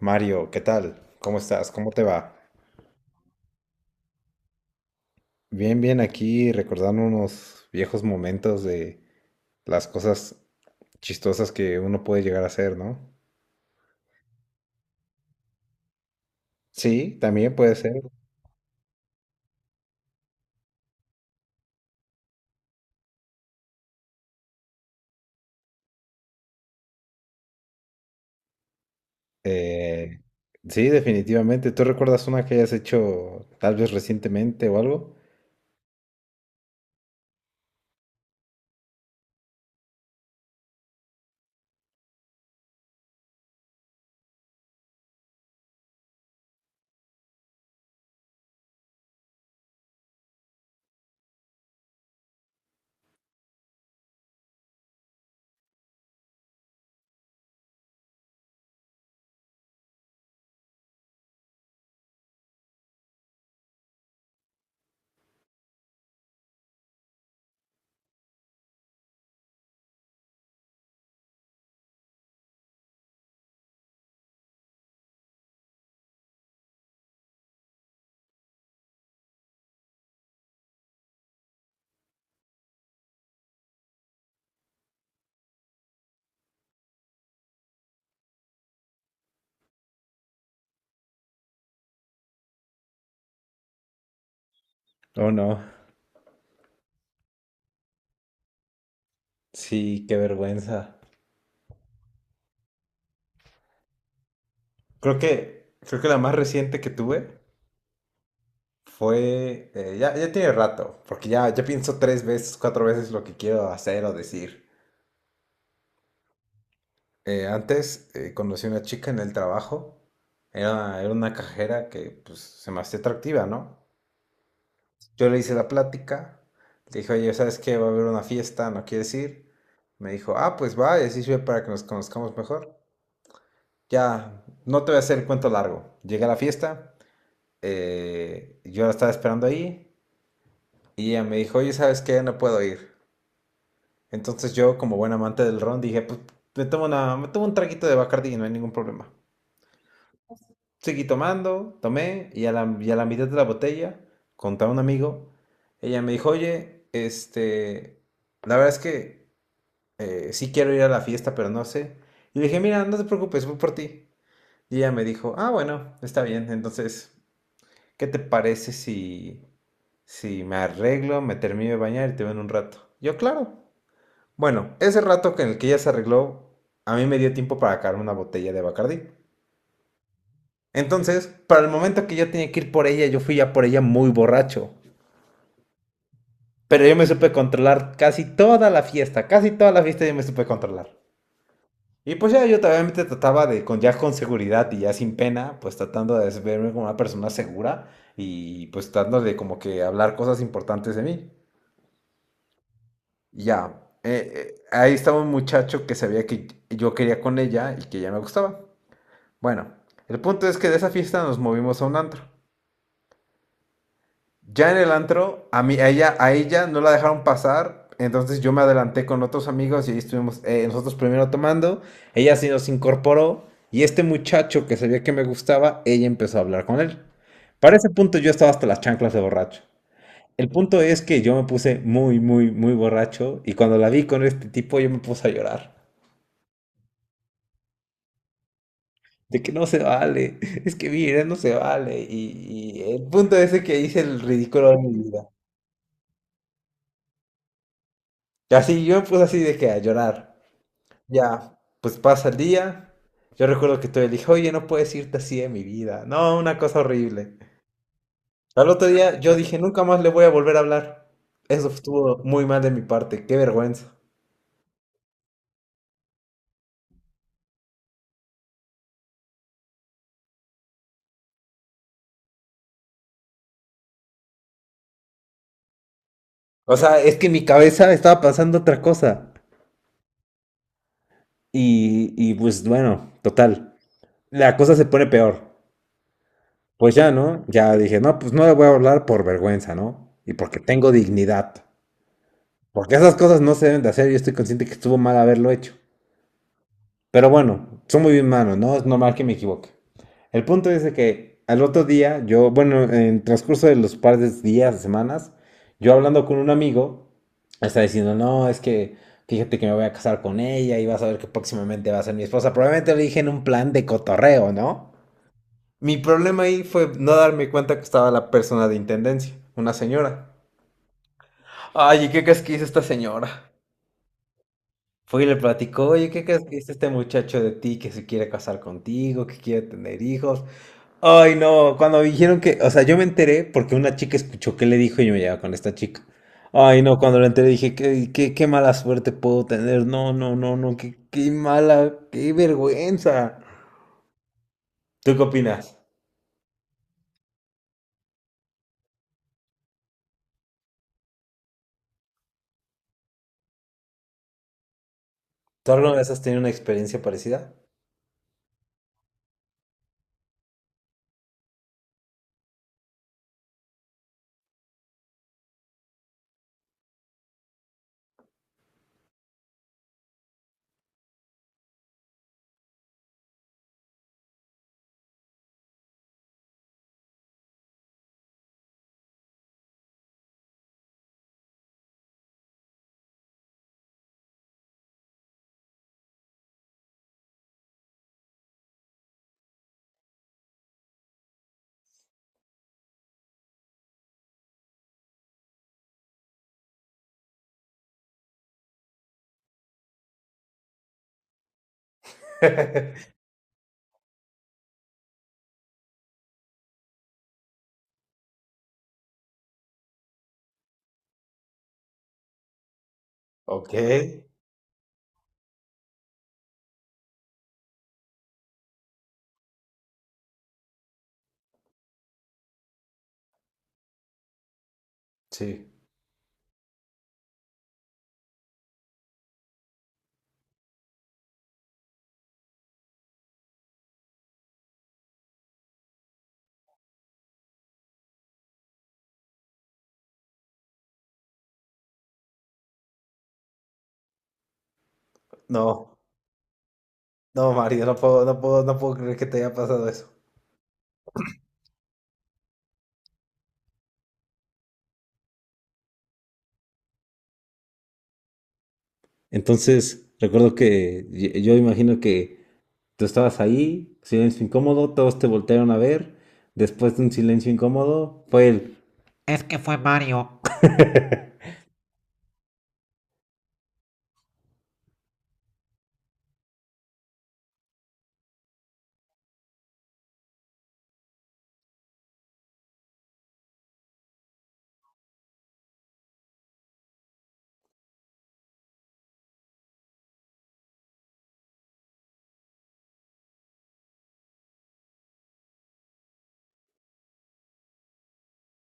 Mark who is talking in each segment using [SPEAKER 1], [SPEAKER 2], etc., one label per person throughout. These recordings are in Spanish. [SPEAKER 1] Mario, ¿qué tal? ¿Cómo estás? ¿Cómo te va? Bien, bien, aquí recordando unos viejos momentos de las cosas chistosas que uno puede llegar a hacer, ¿no? Sí, también puede ser. Eh, sí, definitivamente. ¿Tú recuerdas una que hayas hecho tal vez recientemente o algo? Oh, no. Sí, qué vergüenza. Creo que la más reciente que tuve fue, ya tiene rato, porque ya pienso tres veces, cuatro veces lo que quiero hacer o decir. Antes conocí a una chica en el trabajo. Era una cajera que, pues, se me hacía atractiva, ¿no? Yo le hice la plática. Le dije, oye, ¿sabes qué? Va a haber una fiesta, ¿no quieres ir? Me dijo, ah, pues va, y así sirve para que nos conozcamos mejor. Ya, no te voy a hacer el cuento largo. Llegué a la fiesta, yo la estaba esperando ahí, y ella me dijo, oye, ¿sabes qué? No puedo ir. Entonces yo, como buen amante del ron, dije, pues me tomo, una, me tomo un traguito de Bacardi y no hay ningún problema. Seguí tomando, tomé, y a la mitad de la botella, contaba un amigo, ella me dijo, oye, este, la verdad es que sí quiero ir a la fiesta, pero no sé. Y le dije, mira, no te preocupes, voy por ti. Y ella me dijo, ah, bueno, está bien, entonces, ¿qué te parece si me arreglo, me termino de bañar y te veo en un rato? Yo, claro. Bueno, ese rato que en el que ella se arregló, a mí me dio tiempo para sacar una botella de Bacardí. Entonces, para el momento que yo tenía que ir por ella, yo fui ya por ella muy borracho. Pero yo me supe controlar casi toda la fiesta, casi toda la fiesta yo me supe controlar. Y pues ya yo obviamente trataba de, con, ya con seguridad y ya sin pena, pues tratando de verme como una persona segura y pues tratando de como que hablar cosas importantes de mí. Y ya, ahí estaba un muchacho que sabía que yo quería con ella y que ella me gustaba. Bueno, el punto es que de esa fiesta nos movimos a un antro. Ya en el antro, a mí, a ella no la dejaron pasar, entonces yo me adelanté con otros amigos y ahí estuvimos nosotros primero tomando, ella sí nos incorporó y este muchacho que sabía que me gustaba, ella empezó a hablar con él. Para ese punto yo estaba hasta las chanclas de borracho. El punto es que yo me puse muy, muy, muy borracho y cuando la vi con este tipo yo me puse a llorar. De que no se vale, es que mira, no se vale. Y el punto es de que hice el ridículo de mi vida. Y así yo me puse así de que a llorar. Ya, pues pasa el día. Yo recuerdo que todavía le dije, oye, no puedes irte así de mi vida. No, una cosa horrible. Al otro día yo dije, nunca más le voy a volver a hablar. Eso estuvo muy mal de mi parte, qué vergüenza. O sea, es que en mi cabeza estaba pasando otra cosa. Y pues bueno, total. La cosa se pone peor. Pues ya, ¿no? Ya dije, no, pues no le voy a hablar por vergüenza, ¿no? Y porque tengo dignidad. Porque esas cosas no se deben de hacer. Yo estoy consciente que estuvo mal haberlo hecho. Pero bueno, soy muy humano, ¿no? Es normal que me equivoque. El punto es de que al otro día, yo, bueno, en el transcurso de los par de días, semanas, yo hablando con un amigo, está diciendo, no, es que fíjate que me voy a casar con ella y vas a ver que próximamente va a ser mi esposa. Probablemente lo dije en un plan de cotorreo, ¿no? Mi problema ahí fue no darme cuenta que estaba la persona de intendencia, una señora. Ay, ¿y qué crees que hizo esta señora? Fue y le platicó, oye, ¿qué crees que dice este muchacho de ti que se quiere casar contigo, que quiere tener hijos? Ay, no, cuando me dijeron que, o sea, yo me enteré porque una chica escuchó qué le dijo y yo me llevaba con esta chica. Ay, no, cuando lo enteré dije, qué, qué, qué mala suerte puedo tener. No, no, no, no, qué, qué mala, qué vergüenza. ¿Tú qué opinas? ¿Tú alguna vez has tenido una experiencia parecida? Ok, sí. No, no, Mario, no puedo, no puedo, no puedo creer que te haya pasado eso. Entonces, recuerdo que yo imagino que tú estabas ahí, silencio incómodo, todos te voltearon a ver. Después de un silencio incómodo, fue el, es que fue Mario.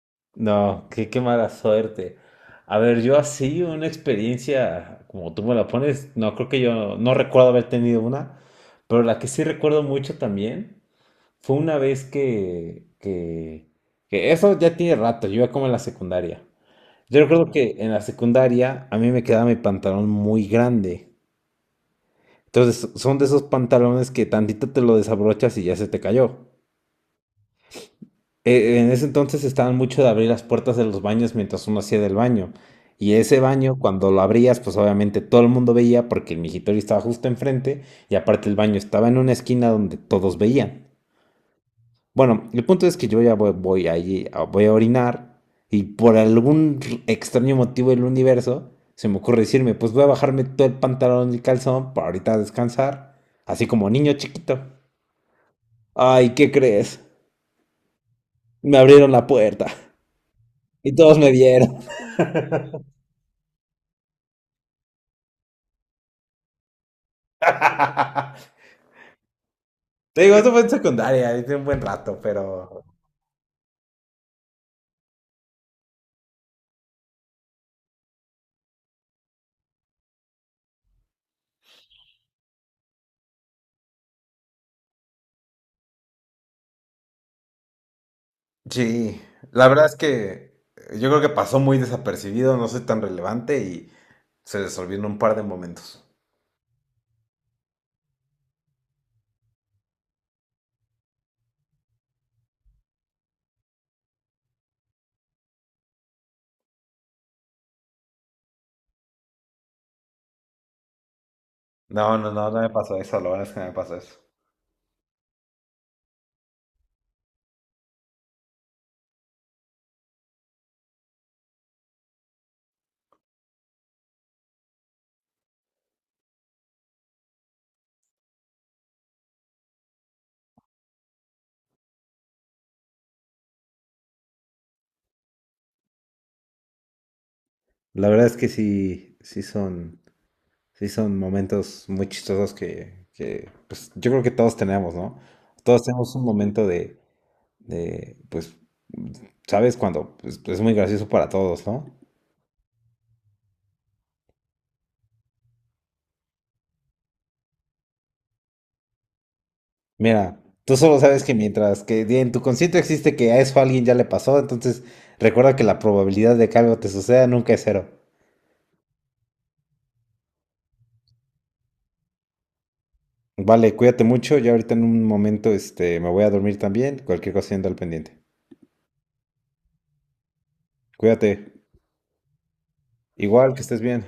[SPEAKER 1] no, qué, qué mala suerte. A ver, yo así una experiencia, como tú me la pones, no creo que yo, no recuerdo haber tenido una, pero la que sí recuerdo mucho también fue una vez que eso ya tiene rato, yo iba como en la secundaria. Yo recuerdo que en la secundaria a mí me quedaba mi pantalón muy grande. Entonces son de esos pantalones que tantito te lo desabrochas y ya se te cayó. En ese entonces estaban mucho de abrir las puertas de los baños mientras uno hacía del baño. Y ese baño, cuando lo abrías, pues obviamente todo el mundo veía porque el migitorio estaba justo enfrente y aparte el baño estaba en una esquina donde todos veían. Bueno, el punto es que yo ya voy, voy allí, voy a orinar y por algún extraño motivo del universo se me ocurre decirme, pues voy a bajarme todo el pantalón y el calzón para ahorita descansar, así como niño chiquito. Ay, ¿qué crees? Me abrieron la puerta y todos me vieron. Te digo, eso fue en secundaria, hice un buen rato, pero... Sí, la verdad es que yo creo que pasó muy desapercibido, no soy tan relevante y se les olvidó en un par de momentos. No, no, no, no me pasó eso, lo bueno es que no me pasó eso. La verdad es que sí, sí son momentos muy chistosos que, pues, yo creo que todos tenemos, ¿no? Todos tenemos un momento de, pues, ¿sabes? Cuando pues, pues, es muy gracioso para todos, ¿no? Mira, tú solo sabes que mientras que en tu consciente existe que a eso a alguien ya le pasó, entonces recuerda que la probabilidad de que algo te suceda nunca es cero. Vale, cuídate mucho, yo ahorita en un momento, este, me voy a dormir también, cualquier cosa siendo al pendiente. Cuídate. Igual, que estés bien.